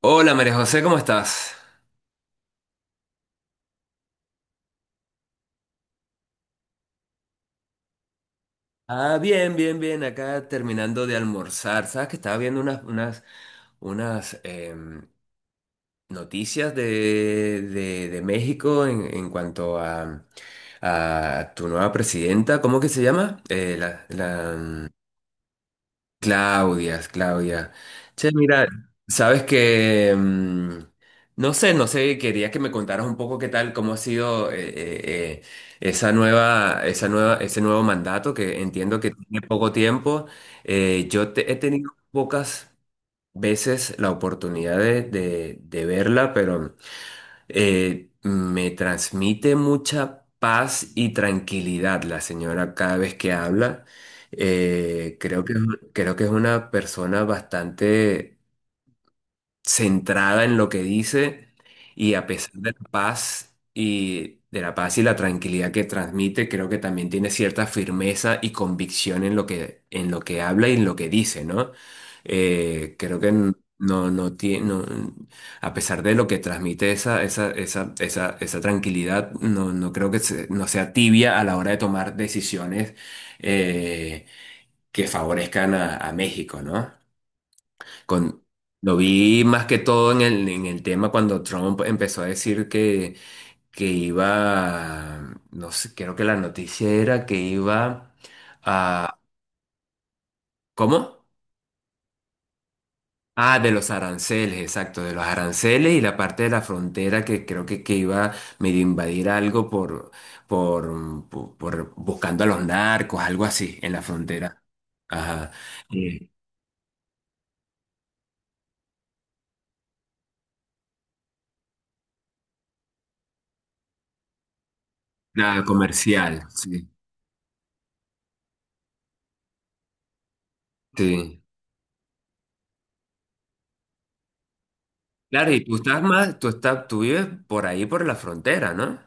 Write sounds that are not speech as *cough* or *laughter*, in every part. Hola María José, ¿cómo estás? Bien, bien, bien, acá terminando de almorzar. Sabes que estaba viendo unas noticias de México en cuanto a tu nueva presidenta, ¿cómo que se llama? La Claudia, Claudia. Che, mira, sabes que, no sé, no sé, quería que me contaras un poco qué tal, cómo ha sido ese nuevo mandato que entiendo que tiene poco tiempo. Yo he tenido pocas veces la oportunidad de verla, pero me transmite mucha paz y tranquilidad la señora cada vez que habla. Eh, creo que, creo que es una persona bastante centrada en lo que dice y a pesar de la paz y de la paz y la tranquilidad que transmite, creo que también tiene cierta firmeza y convicción en lo que habla y en lo que dice, ¿no? Creo que no, no tiene, a pesar de lo que transmite esa tranquilidad, no creo que no sea tibia a la hora de tomar decisiones eh, que favorezcan a México, ¿no? Con, lo vi más que todo en el tema cuando Trump empezó a decir que iba, no sé, creo que la noticia era que iba a... ¿Cómo? De los aranceles, exacto, de los aranceles y la parte de la frontera que creo que iba medio a invadir algo por buscando a los narcos, algo así, en la frontera. Ajá. Eh, nada, comercial, sí. Sí. Claro, y tú estás más, tú estás, tú vives por ahí, por la frontera, ¿no?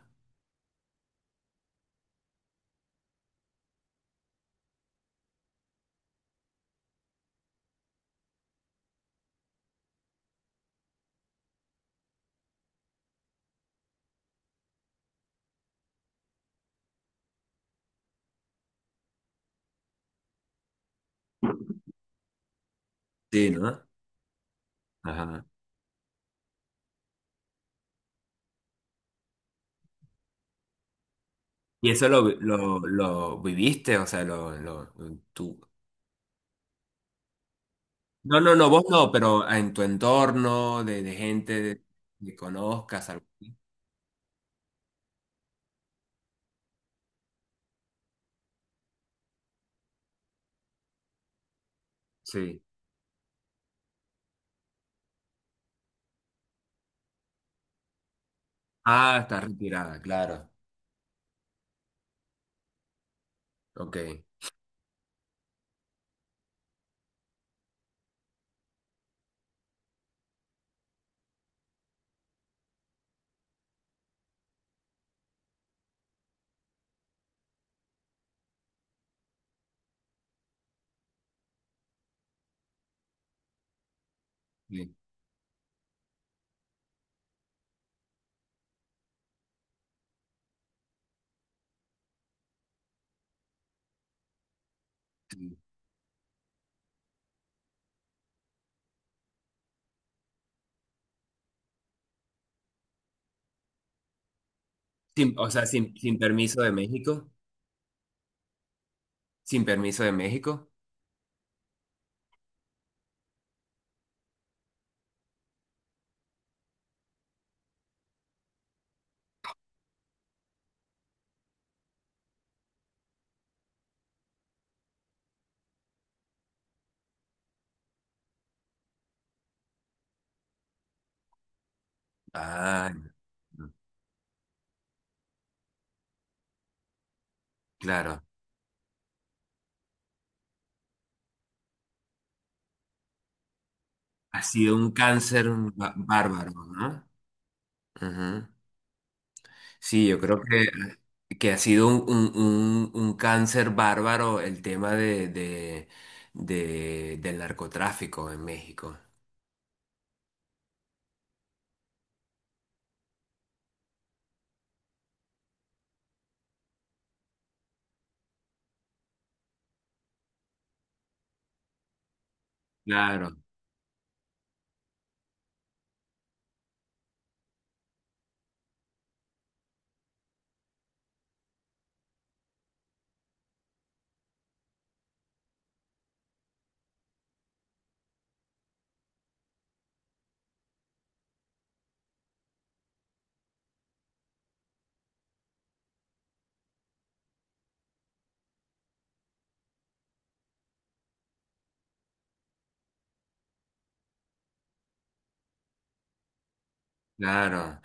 Sí, ¿no? Ajá. Y eso lo viviste, o sea, lo, tú. No, no, no, vos no, pero en tu entorno, de gente que conozcas, algo. Sí. Ah, está retirada, claro. Ok. Sí, sí. Sin- o sea, sin permiso de México. Sin permiso de México. Ah, claro. Ha sido un cáncer bárbaro, ¿no? Ujú. Sí, yo creo que ha sido un cáncer bárbaro el tema del narcotráfico en México. Claro, claro.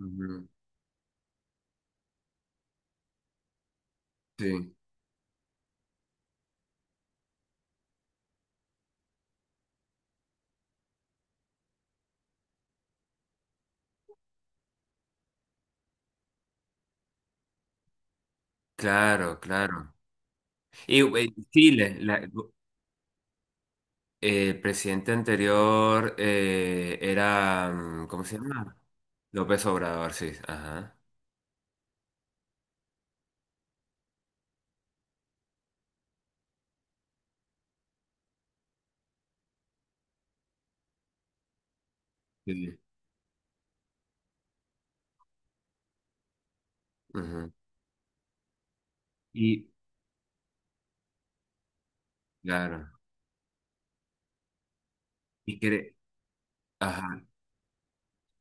Ujú. Sí, claro, claro. Y el presidente anterior era, ¿cómo se llama? López Obrador, sí, ajá. Sí. Ujú. Y, claro, y cre- ajá.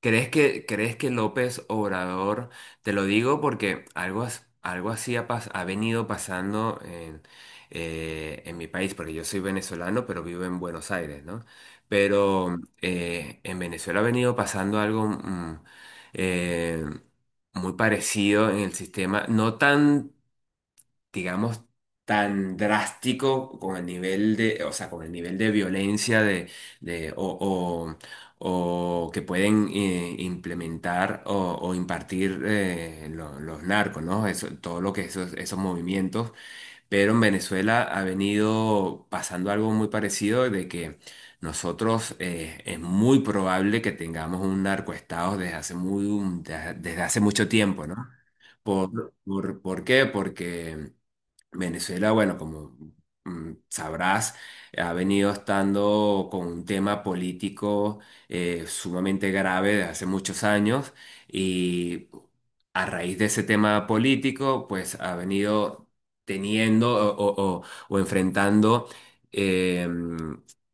Crees que López Obrador, te lo digo porque algo así ha, ha venido pasando en mi país, porque yo soy venezolano, pero vivo en Buenos Aires, ¿no? Pero en Venezuela ha venido pasando algo eh, muy parecido en el sistema, no tan digamos, tan drástico con el nivel de, o sea, con el nivel de violencia de- o que pueden implementar o impartir los narcos, ¿no? Eso, todo lo que esos movimientos. Pero en Venezuela ha venido pasando algo muy parecido de que nosotros es muy probable que tengamos un narcoestado desde hace muy, desde hace mucho tiempo, ¿no? ¿Por, por qué? Porque Venezuela, bueno, como sabrás, ha venido estando con un tema político sumamente grave desde hace muchos años y a raíz de ese tema político, pues ha venido teniendo o enfrentando eh,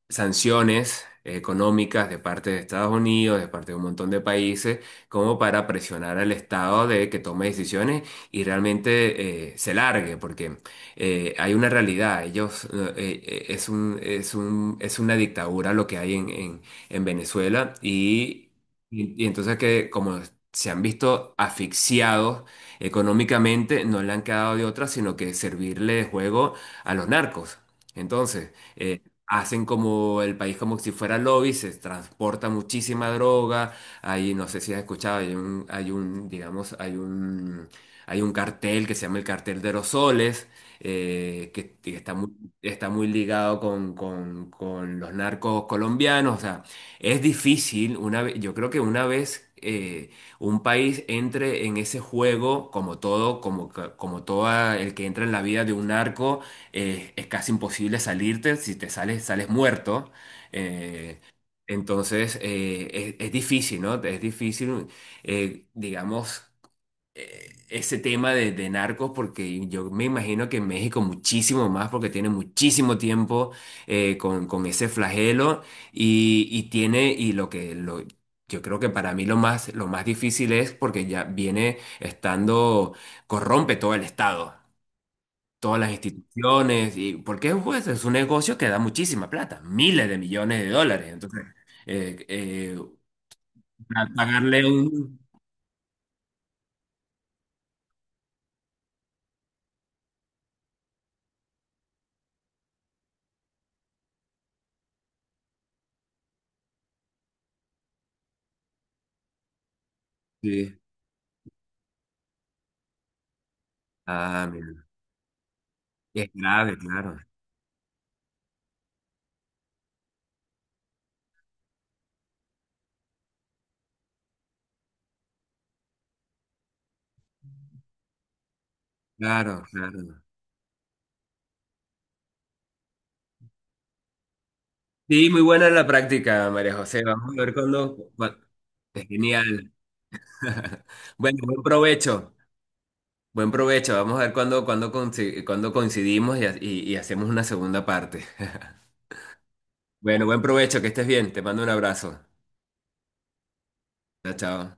sanciones económicas de parte de Estados Unidos, de parte de un montón de países, como para presionar al Estado de que tome decisiones y realmente se largue, porque hay una realidad. Ellos, es una dictadura lo que hay en Venezuela y entonces que como se han visto asfixiados económicamente, no le han quedado de otra sino que servirle juego a los narcos. Entonces, hacen como el país como si fuera lobby, se transporta muchísima droga, hay, no sé si has escuchado, hay un, digamos, hay un cartel que se llama el cartel de los soles, que está muy ligado con los narcos colombianos. O sea, es difícil, yo creo que una vez un país entre en ese juego, como todo, como todo el que entra en la vida de un narco, es casi imposible salirte, si te sales, sales muerto. Eh, entonces, es difícil, ¿no? Es difícil, digamos ese tema de narcos, porque yo me imagino que en México muchísimo más, porque tiene muchísimo tiempo con ese flagelo y tiene, yo creo que para mí lo más difícil es porque ya viene estando, corrompe todo el Estado. Todas las instituciones, y porque pues, es un negocio que da muchísima plata, miles de millones de dólares. Entonces, eh, eh, pagarle un... Sí. Ah, mira. Es grave, claro. Claro, claro. Sí, muy buena la práctica, María José. Vamos a ver cuándo. Es genial. *laughs* Bueno, buen provecho. Buen provecho. Vamos a ver cuándo, cuándo coincidimos y, y hacemos una segunda parte. *laughs* Bueno, buen provecho, que estés bien. Te mando un abrazo. Chao, chao.